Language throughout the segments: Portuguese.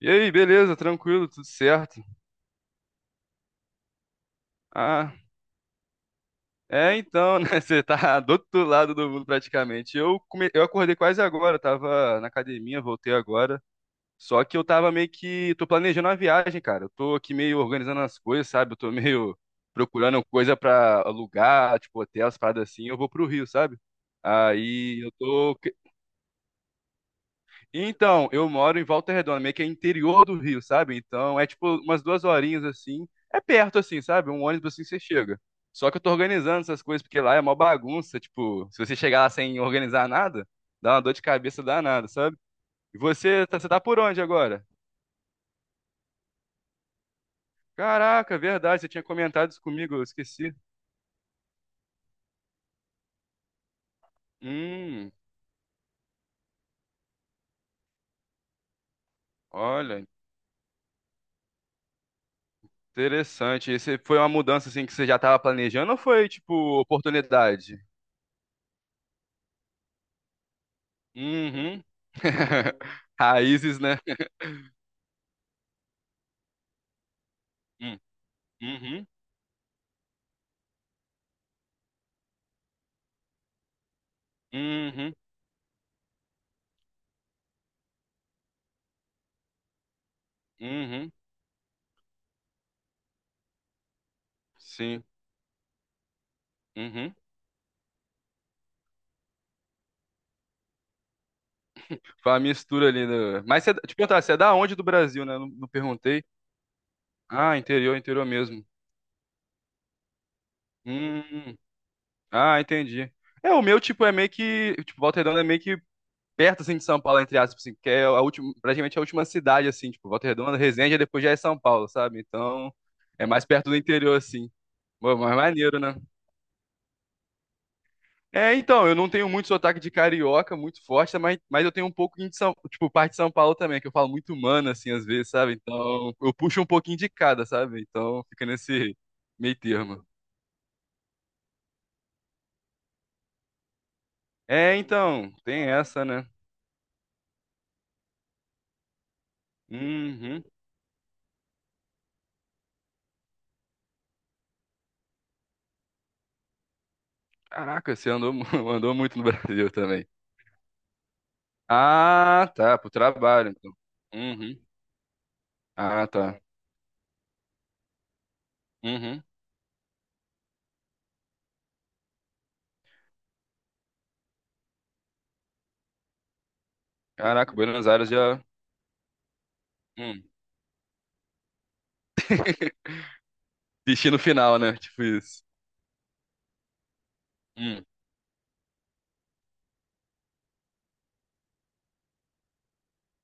E aí, beleza? Tranquilo, tudo certo? Ah, é então, né? Você tá do outro lado do mundo praticamente. Eu acordei quase agora, eu tava na academia, voltei agora. Só que eu tava meio que. Tô planejando uma viagem, cara. Eu tô aqui meio organizando as coisas, sabe? Eu tô meio procurando coisa pra alugar, tipo hotel, as paradas assim. Eu vou pro Rio, sabe? Aí eu tô. Então, eu moro em Volta Redonda, meio que é interior do Rio, sabe? Então, é tipo umas duas horinhas assim. É perto assim, sabe? Um ônibus assim você chega. Só que eu tô organizando essas coisas porque lá é mó bagunça, tipo, se você chegar lá sem organizar nada, dá uma dor de cabeça danada, sabe? E você, você tá por onde agora? Caraca, verdade, você tinha comentado isso comigo, eu esqueci. Hum, olha, interessante. Esse foi uma mudança assim que você já tava planejando ou foi tipo oportunidade? Uhum. Raízes, né? Hum, uhum, uhum, uhum, sim, uhum. Foi uma mistura ali. No mas você, te perguntar, você é da onde do Brasil, né? Não, não perguntei. Ah, interior, interior mesmo. Hum, ah, entendi. É, o meu, tipo, é meio que, tipo, Volta Redonda é meio que perto, assim, de São Paulo, entre aspas, assim, que é a última, praticamente a última cidade, assim, tipo, Volta Redonda, Resende, aí depois já é São Paulo, sabe? Então, é mais perto do interior, assim. Pô, mas maneiro, né? É, então, eu não tenho muito sotaque de carioca, muito forte, mas, eu tenho um pouco de São, tipo, parte de São Paulo também, que eu falo muito mano, assim, às vezes, sabe? Então, eu puxo um pouquinho de cada, sabe? Então, fica nesse meio termo. É, então, tem essa, né? Uhum. Caraca, você andou, andou muito no Brasil também. Ah, tá, pro trabalho, então. Uhum. Ah, tá. Uhum. Caraca, Buenos Aires já... Hum. Destino final, né? Tipo isso. Hum.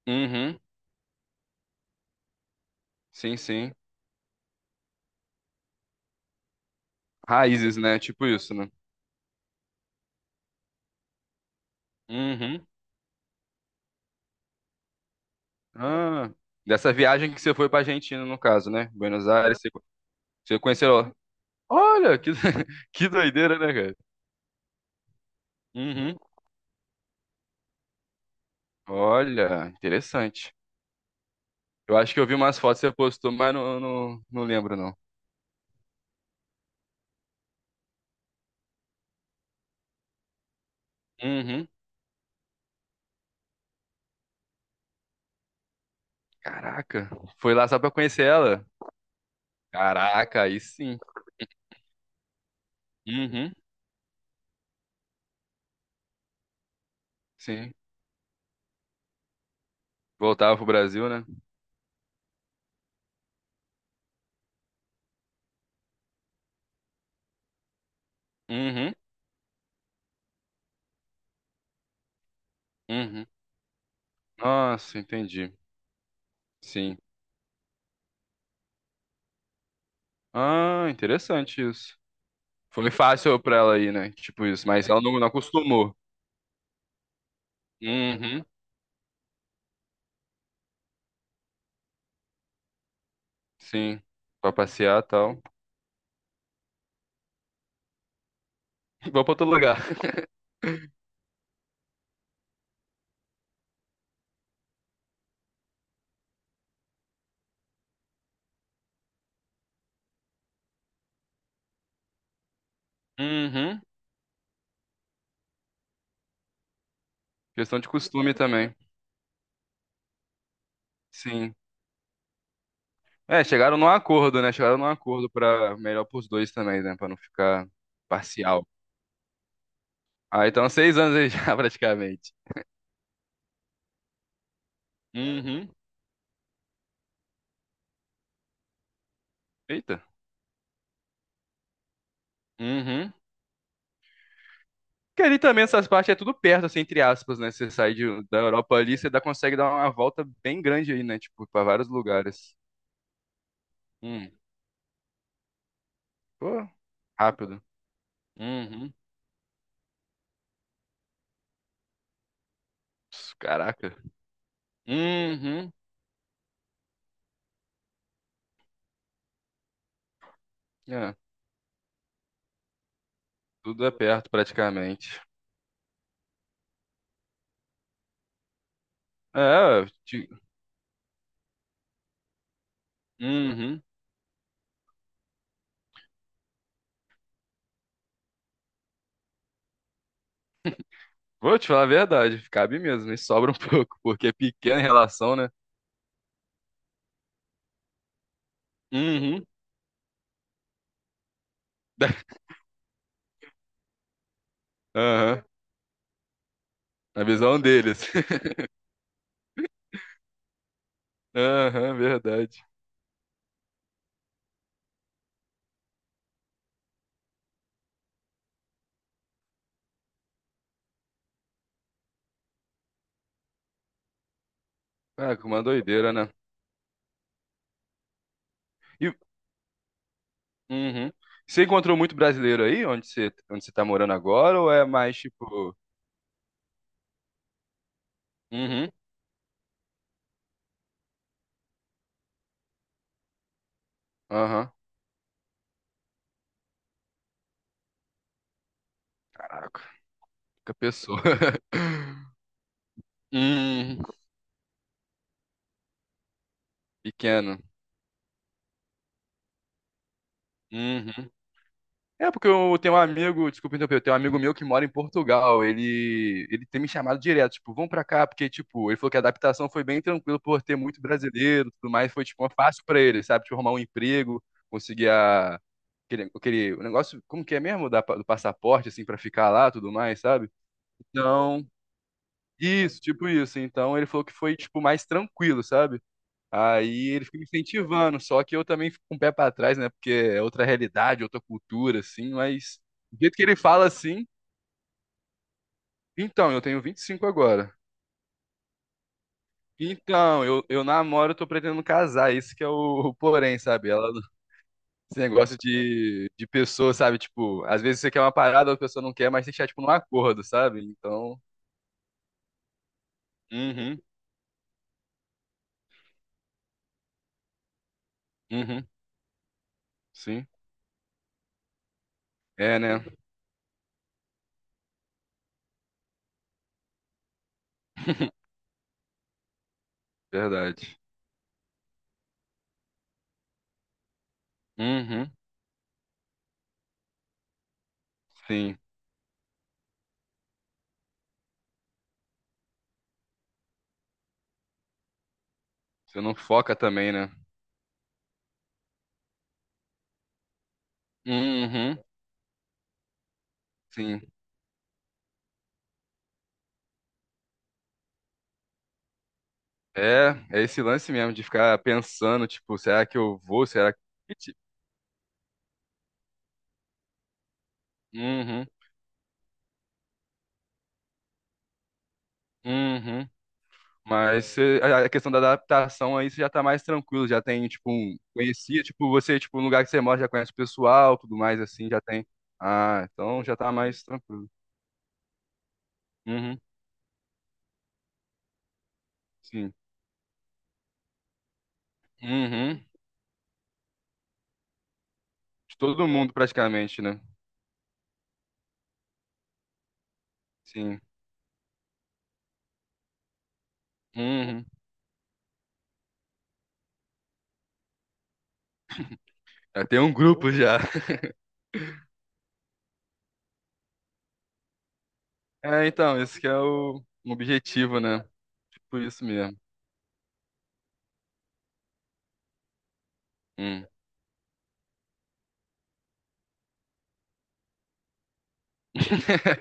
Uhum. Sim, sim. Raízes, né? Tipo isso, né? Uhum. Ah, dessa viagem que você foi pra Argentina, no caso, né? Buenos Aires, você conheceu. Olha, que, que doideira, né, cara? Uhum. Olha, interessante. Eu acho que eu vi umas fotos que você postou, mas não, não, não lembro, não. Uhum. Caraca, foi lá só pra conhecer ela? Caraca, aí sim. Uhum. Sim. Voltava pro Brasil, né? Uhum. Uhum. Nossa, entendi. Sim. Ah, interessante isso. Foi fácil pra ela ir, né? Tipo isso, mas ela não, não acostumou. Uhum, sim. Pra passear e tal. Vou pra outro lugar. Uhum. Questão de costume também. Sim. É, chegaram num acordo, né? Chegaram num acordo pra melhor pros dois também, né? Pra não ficar parcial. Ah, então seis anos aí já, praticamente. Uhum. Eita. Uhum. Que ali também essas partes é tudo perto, assim, entre aspas, né? Você sai da Europa ali, você dá, consegue dar uma volta bem grande aí, né? Tipo, pra vários lugares. Hum. Pô, rápido. Uhum. Ps, caraca. Uhum. É, tudo é perto praticamente. É, eu te... Uhum. Vou te falar a verdade, cabe mesmo, e sobra um pouco, porque é pequena em relação, né? Uhum. Aham. Na visão deles. Aham, verdade. Ah, que uma doideira, né? E uhum. Você encontrou muito brasileiro aí, onde você tá morando agora, ou é mais tipo. Uhum. Aham. Caraca, fica pessoa. Hum, pequeno. Uhum. É, porque eu tenho um amigo, desculpa interromper, eu tenho um amigo meu que mora em Portugal. Ele, tem me chamado direto, tipo, vão pra cá, porque, tipo, ele falou que a adaptação foi bem tranquila por ter muito brasileiro e tudo mais. Foi, tipo, fácil pra ele, sabe? Tipo, arrumar um emprego, conseguir a, aquele, o negócio, como que é mesmo? Da, do passaporte, assim, pra ficar lá tudo mais, sabe? Então, isso, tipo isso. Então, ele falou que foi, tipo, mais tranquilo, sabe? Aí ele fica me incentivando, só que eu também fico com o pé pra trás, né? Porque é outra realidade, outra cultura, assim, mas do jeito que ele fala assim, então, eu tenho 25 agora. Então, eu namoro, eu tô pretendendo casar, isso que é o porém, sabe? Ela, esse negócio de pessoa, sabe? Tipo, às vezes você quer uma parada, a pessoa não quer, mas tem que chegar, tipo, num acordo, sabe? Então, uhum, uhum, sim, é, né? Verdade. Uhum, sim. Você não foca também, né? Uhum, sim. É, é esse lance mesmo de ficar pensando, tipo, será que eu vou? Será que. Tipo, uhum, uhum. Mas você- a questão da adaptação aí você já tá mais tranquilo, já tem, tipo, um. Conhecia, tipo, você, tipo, no lugar que você mora já conhece o pessoal, tudo mais assim, já tem. Ah, então já tá mais tranquilo. Uhum, sim. Uhum. De todo mundo praticamente, né? Sim. Uhum. Já tem um grupo já. É, então, esse que é o objetivo, né? Tipo, isso mesmo. Hum.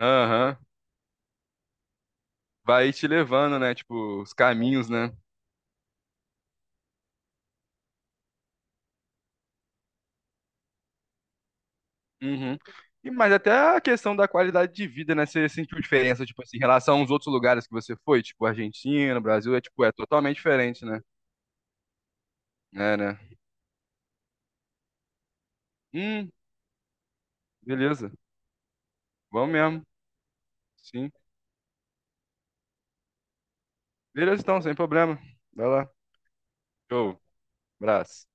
Aham. Vai te levando, né? Tipo, os caminhos, né? Uhum. E, mas até a questão da qualidade de vida, né? Você sentiu diferença, tipo assim, em relação aos outros lugares que você foi, tipo Argentina, Brasil, é tipo, é totalmente diferente, né? É, né? Hum, beleza. Vamos mesmo. Sim. Beleza, então, sem problema. Vai lá. Show. Abraço.